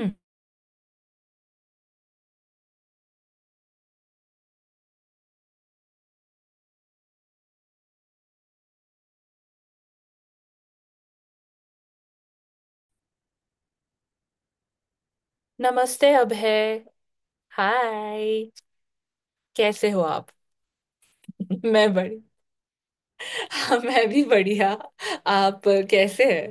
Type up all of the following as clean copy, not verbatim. हम्म। नमस्ते, अभय। हाय। कैसे हो आप? मैं बड़ी। हाँ, मैं भी बढ़िया। आप कैसे हैं?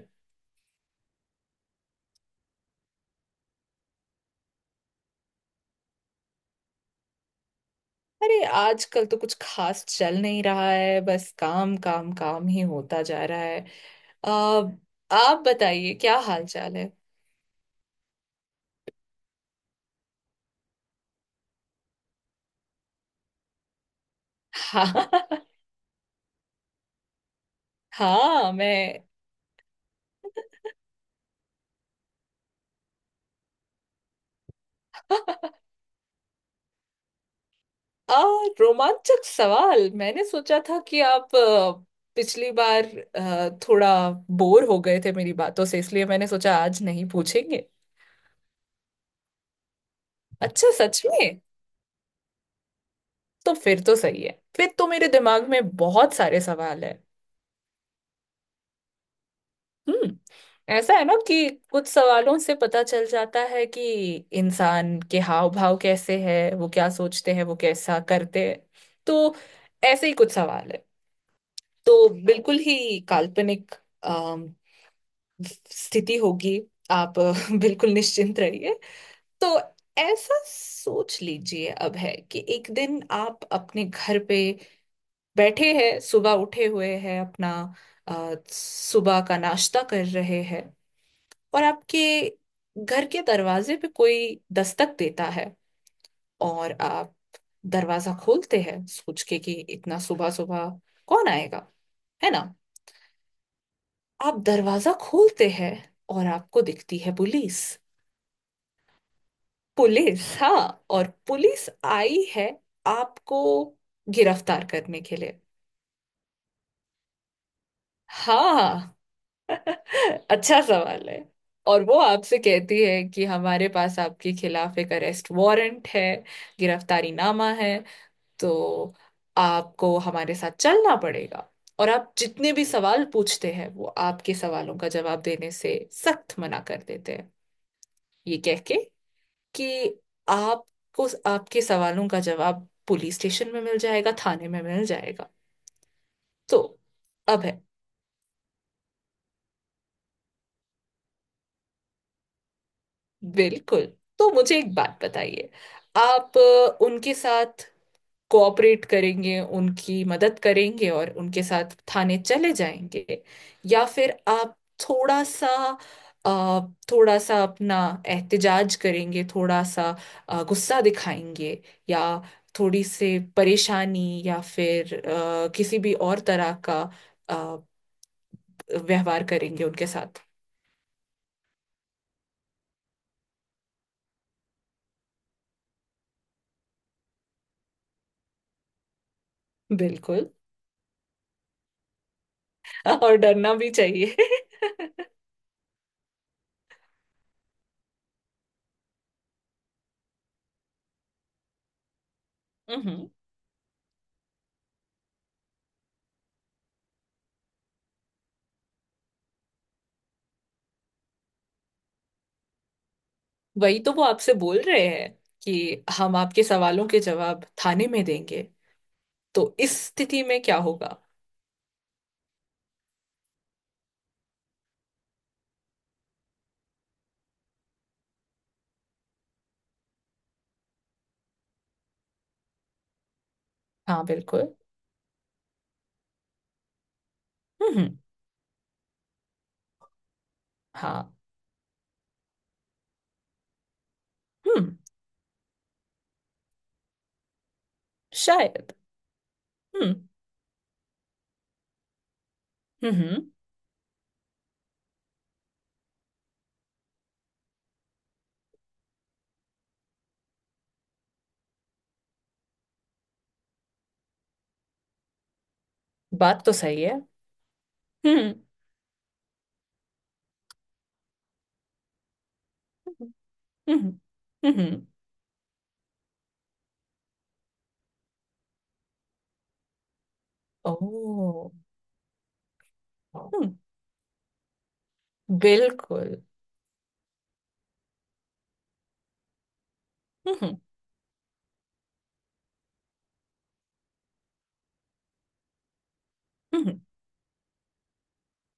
अरे, आजकल तो कुछ खास चल नहीं रहा है। बस काम काम काम ही होता जा रहा है। आ, आप बताइए, क्या हाल चाल है? हाँ हाँ, मैं। आ, रोमांचक सवाल, मैंने सोचा था कि आप पिछली बार थोड़ा बोर हो गए थे मेरी बातों से, इसलिए मैंने सोचा आज नहीं पूछेंगे। अच्छा, सच में? तो फिर तो सही है। फिर तो मेरे दिमाग में बहुत सारे सवाल है। हम्म। ऐसा है ना कि कुछ सवालों से पता चल जाता है कि इंसान के हाव भाव कैसे है, वो क्या सोचते हैं, वो कैसा करते हैं। तो ऐसे ही कुछ सवाल है। तो बिल्कुल ही काल्पनिक अम, स्थिति होगी। आप बिल्कुल निश्चिंत रहिए। तो ऐसा सोच लीजिए, अब है कि एक दिन आप अपने घर पे बैठे हैं, सुबह उठे हुए हैं, अपना सुबह का नाश्ता कर रहे हैं। और आपके घर के दरवाजे पे कोई दस्तक देता है। और आप दरवाजा खोलते हैं, सोच के कि इतना सुबह सुबह कौन आएगा, है ना। आप दरवाजा खोलते हैं, और आपको दिखती है पुलिस। पुलिस, हाँ। और पुलिस आई है आपको गिरफ्तार करने के लिए। हाँ, अच्छा सवाल है। और वो आपसे कहती है कि हमारे पास आपके खिलाफ एक अरेस्ट वारंट है, गिरफ्तारी नामा है। तो आपको हमारे साथ चलना पड़ेगा। और आप जितने भी सवाल पूछते हैं, वो आपके सवालों का जवाब देने से सख्त मना कर देते हैं। ये कह के कि आपको आपके सवालों का जवाब पुलिस स्टेशन में मिल जाएगा, थाने में मिल जाएगा। तो अब है। बिल्कुल। तो मुझे एक बात बताइए। आप उनके साथ कोऑपरेट करेंगे, उनकी मदद करेंगे और उनके साथ थाने चले जाएंगे? या फिर आप थोड़ा सा अ, थोड़ा सा अपना एहतिजाज करेंगे, थोड़ा सा गुस्सा दिखाएंगे? या थोड़ी से परेशानी? या फिर किसी भी और तरह का अ, व्यवहार करेंगे उनके साथ? बिल्कुल। और डरना भी चाहिए। हम्म। वही तो वो आपसे बोल रहे हैं कि हम आपके सवालों के जवाब थाने में देंगे। तो इस स्थिति में क्या होगा? हाँ, बिल्कुल। हम्म हम्म, हाँ। हम्म। शायद। हम्म हम्म। बात तो सही है। हम्म हम्म। हम्म हम्म, ओह। हम्म। बिल्कुल। हम्म हम्म।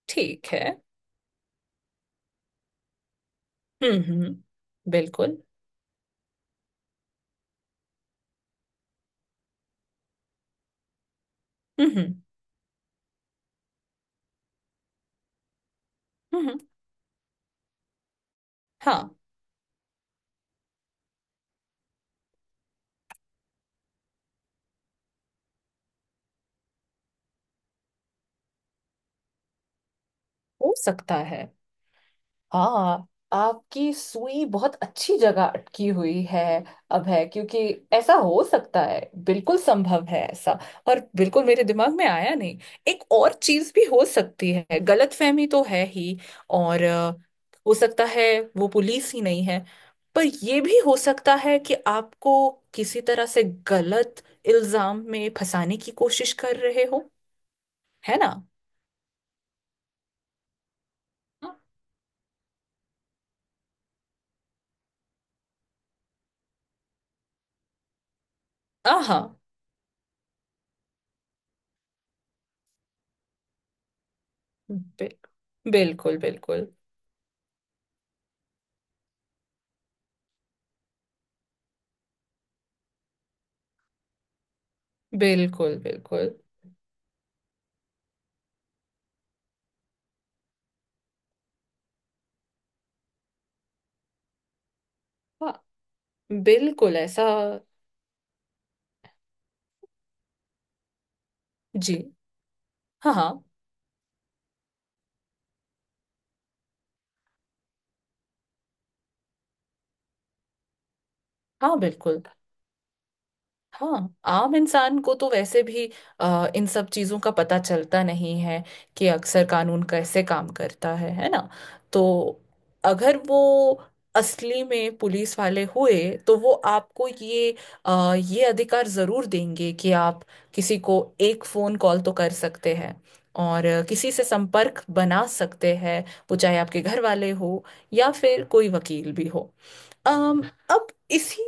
ठीक है। हम्म। बिल्कुल। हम्म हम्म। हाँ, हो सकता है। हाँ। आपकी सुई बहुत अच्छी जगह अटकी हुई है, अब है, क्योंकि ऐसा हो सकता है। बिल्कुल संभव है ऐसा। और बिल्कुल मेरे दिमाग में आया नहीं। एक और चीज भी हो सकती है, गलतफहमी तो है ही। और हो सकता है वो पुलिस ही नहीं है। पर ये भी हो सकता है कि आपको किसी तरह से गलत इल्जाम में फंसाने की कोशिश कर रहे हो, है ना। हाँ हाँ, बिल, बिल्कुल बिल्कुल। बिल्कुल बिल्कुल। हाँ, बिल्कुल ऐसा। जी। हाँ हाँ। हाँ, बिल्कुल। हाँ, आम इंसान को तो वैसे भी इन सब चीजों का पता चलता नहीं है कि अक्सर कानून कैसे काम करता है ना। तो अगर वो असली में पुलिस वाले हुए, तो वो आपको ये अधिकार जरूर देंगे कि आप किसी को एक फोन कॉल तो कर सकते हैं और किसी से संपर्क बना सकते हैं। वो चाहे आपके घर वाले हो, या फिर कोई वकील भी हो। अम, अब इसी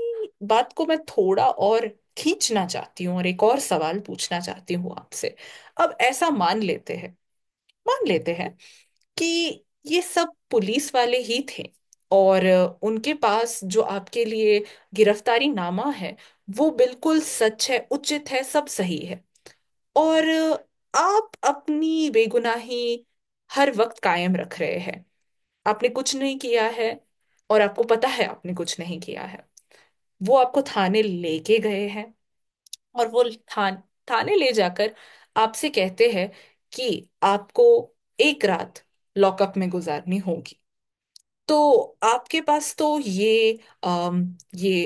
बात को मैं थोड़ा और खींचना चाहती हूँ और एक और सवाल पूछना चाहती हूँ आपसे। अब ऐसा मान लेते हैं, मान लेते हैं कि ये सब पुलिस वाले ही थे। और उनके पास जो आपके लिए गिरफ्तारी नामा है, वो बिल्कुल सच है, उचित है, सब सही है। और आप अपनी बेगुनाही हर वक्त कायम रख रहे हैं। आपने कुछ नहीं किया है, और आपको पता है आपने कुछ नहीं किया है। वो आपको थाने लेके गए हैं। और वो थान थाने ले जाकर आपसे कहते हैं कि आपको एक रात लॉकअप में गुजारनी होगी। तो आपके पास तो ये अम, ये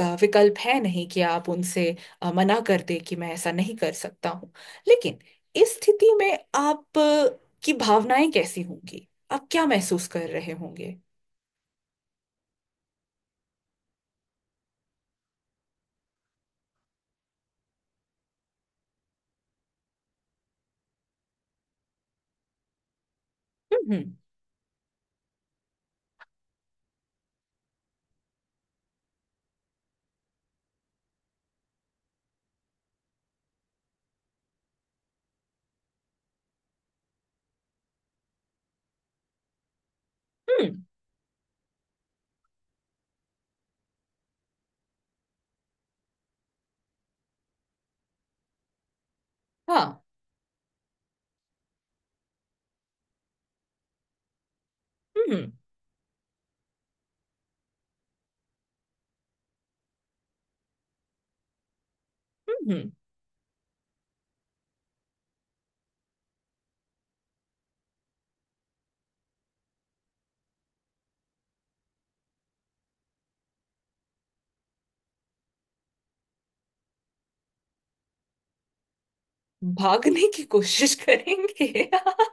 अ, विकल्प है नहीं कि आप उनसे मना कर दे कि मैं ऐसा नहीं कर सकता हूँ। लेकिन इस स्थिति में आप की भावनाएं कैसी होंगी? आप क्या महसूस कर रहे होंगे? हम्म। हम्म, हाँ। हम्म हम्म। हम्म, भागने की कोशिश करेंगे?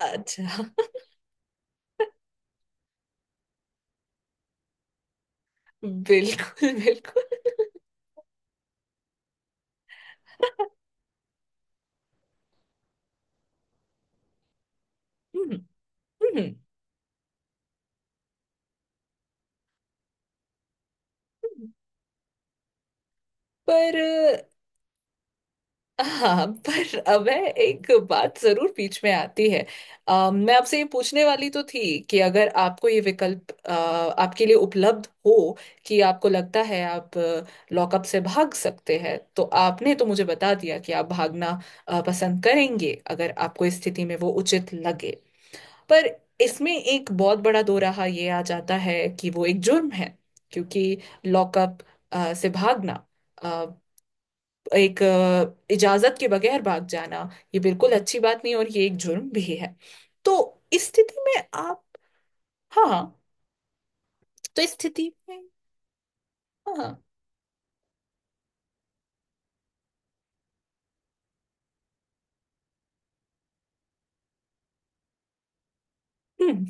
अच्छा। बिल्कुल बिल्कुल। हम्म, हम्म। हम्म। पर, हाँ, पर अब है एक बात जरूर बीच में आती है। मैं आपसे ये पूछने वाली तो थी कि अगर आपको ये विकल्प आपके लिए उपलब्ध हो कि आपको लगता है आप लॉकअप से भाग सकते हैं, तो आपने तो मुझे बता दिया कि आप भागना पसंद करेंगे, अगर आपको इस स्थिति में वो उचित लगे। पर इसमें एक बहुत बड़ा दो राह ये आ जाता है कि वो एक जुर्म है। क्योंकि लॉकअप से भागना, अ, एक इजाजत के बगैर भाग जाना, ये बिल्कुल अच्छी बात नहीं, और ये एक जुर्म भी है। तो इस स्थिति में आप। हाँ हाँ। तो इस स्थिति में। हाँ हाँ। हम्म,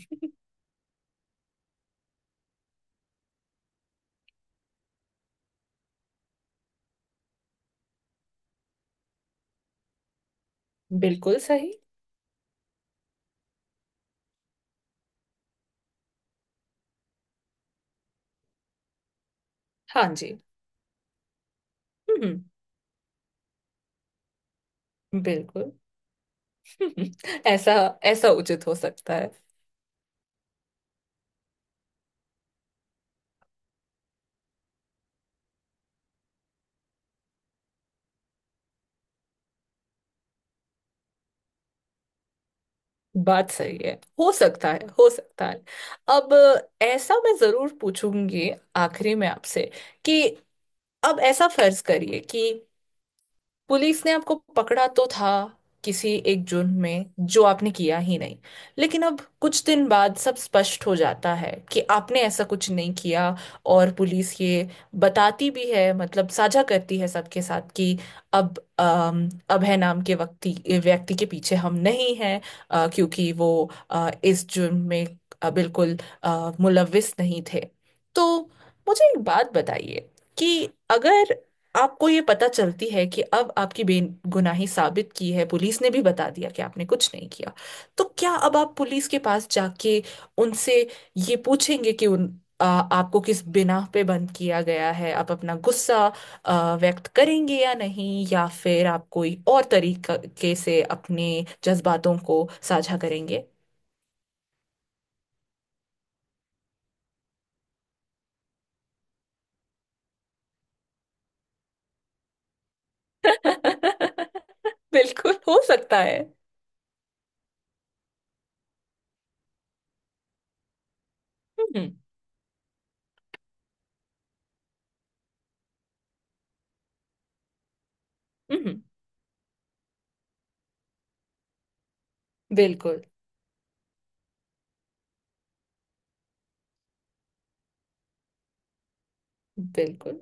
बिल्कुल सही। हाँ जी। हम्म, बिल्कुल। हम्म, ऐसा, ऐसा उचित हो सकता है। बात सही है। हो सकता है, हो सकता है। अब ऐसा मैं जरूर पूछूंगी आखिरी में आपसे कि, अब ऐसा फर्ज करिए कि पुलिस ने आपको पकड़ा तो था किसी एक जुर्म में, जो आपने किया ही नहीं। लेकिन अब कुछ दिन बाद सब स्पष्ट हो जाता है कि आपने ऐसा कुछ नहीं किया। और पुलिस ये बताती भी है, मतलब साझा करती है सबके साथ कि अब अभय नाम के व्यक्ति व्यक्ति के पीछे हम नहीं हैं। क्योंकि वो इस जुर्म में बिल्कुल मुलविस नहीं थे। तो मुझे एक बात बताइए कि अगर आपको ये पता चलती है कि अब आपकी बेगुनाही साबित की है, पुलिस ने भी बता दिया कि आपने कुछ नहीं किया। तो क्या अब आप पुलिस के पास जाके उनसे ये पूछेंगे कि आपको किस बिना पे बंद किया गया है? आप अपना गुस्सा व्यक्त करेंगे या नहीं, या फिर आप कोई और तरीके से अपने जज्बातों को साझा करेंगे? बिल्कुल, हो सकता है। हम्म हम्म। बिल्कुल बिल्कुल।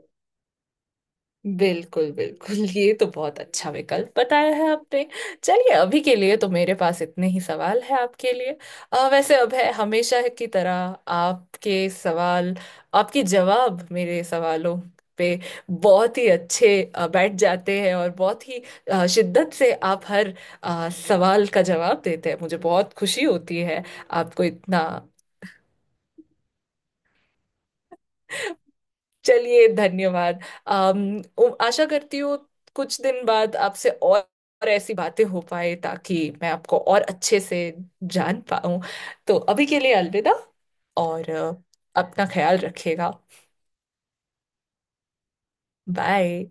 बिल्कुल बिल्कुल। ये तो बहुत अच्छा विकल्प बताया है आपने। चलिए, अभी के लिए तो मेरे पास इतने ही सवाल है आपके लिए। वैसे अब है, हमेशा की तरह आपके सवाल, आपके जवाब मेरे सवालों पे बहुत ही अच्छे बैठ जाते हैं, और बहुत ही शिद्दत से आप हर सवाल का जवाब देते हैं, मुझे बहुत खुशी होती है। आपको इतना। चलिए, धन्यवाद। आशा करती हूँ कुछ दिन बाद आपसे और ऐसी बातें हो पाए, ताकि मैं आपको और अच्छे से जान पाऊं। तो अभी के लिए अलविदा। और अपना ख्याल रखिएगा। बाय।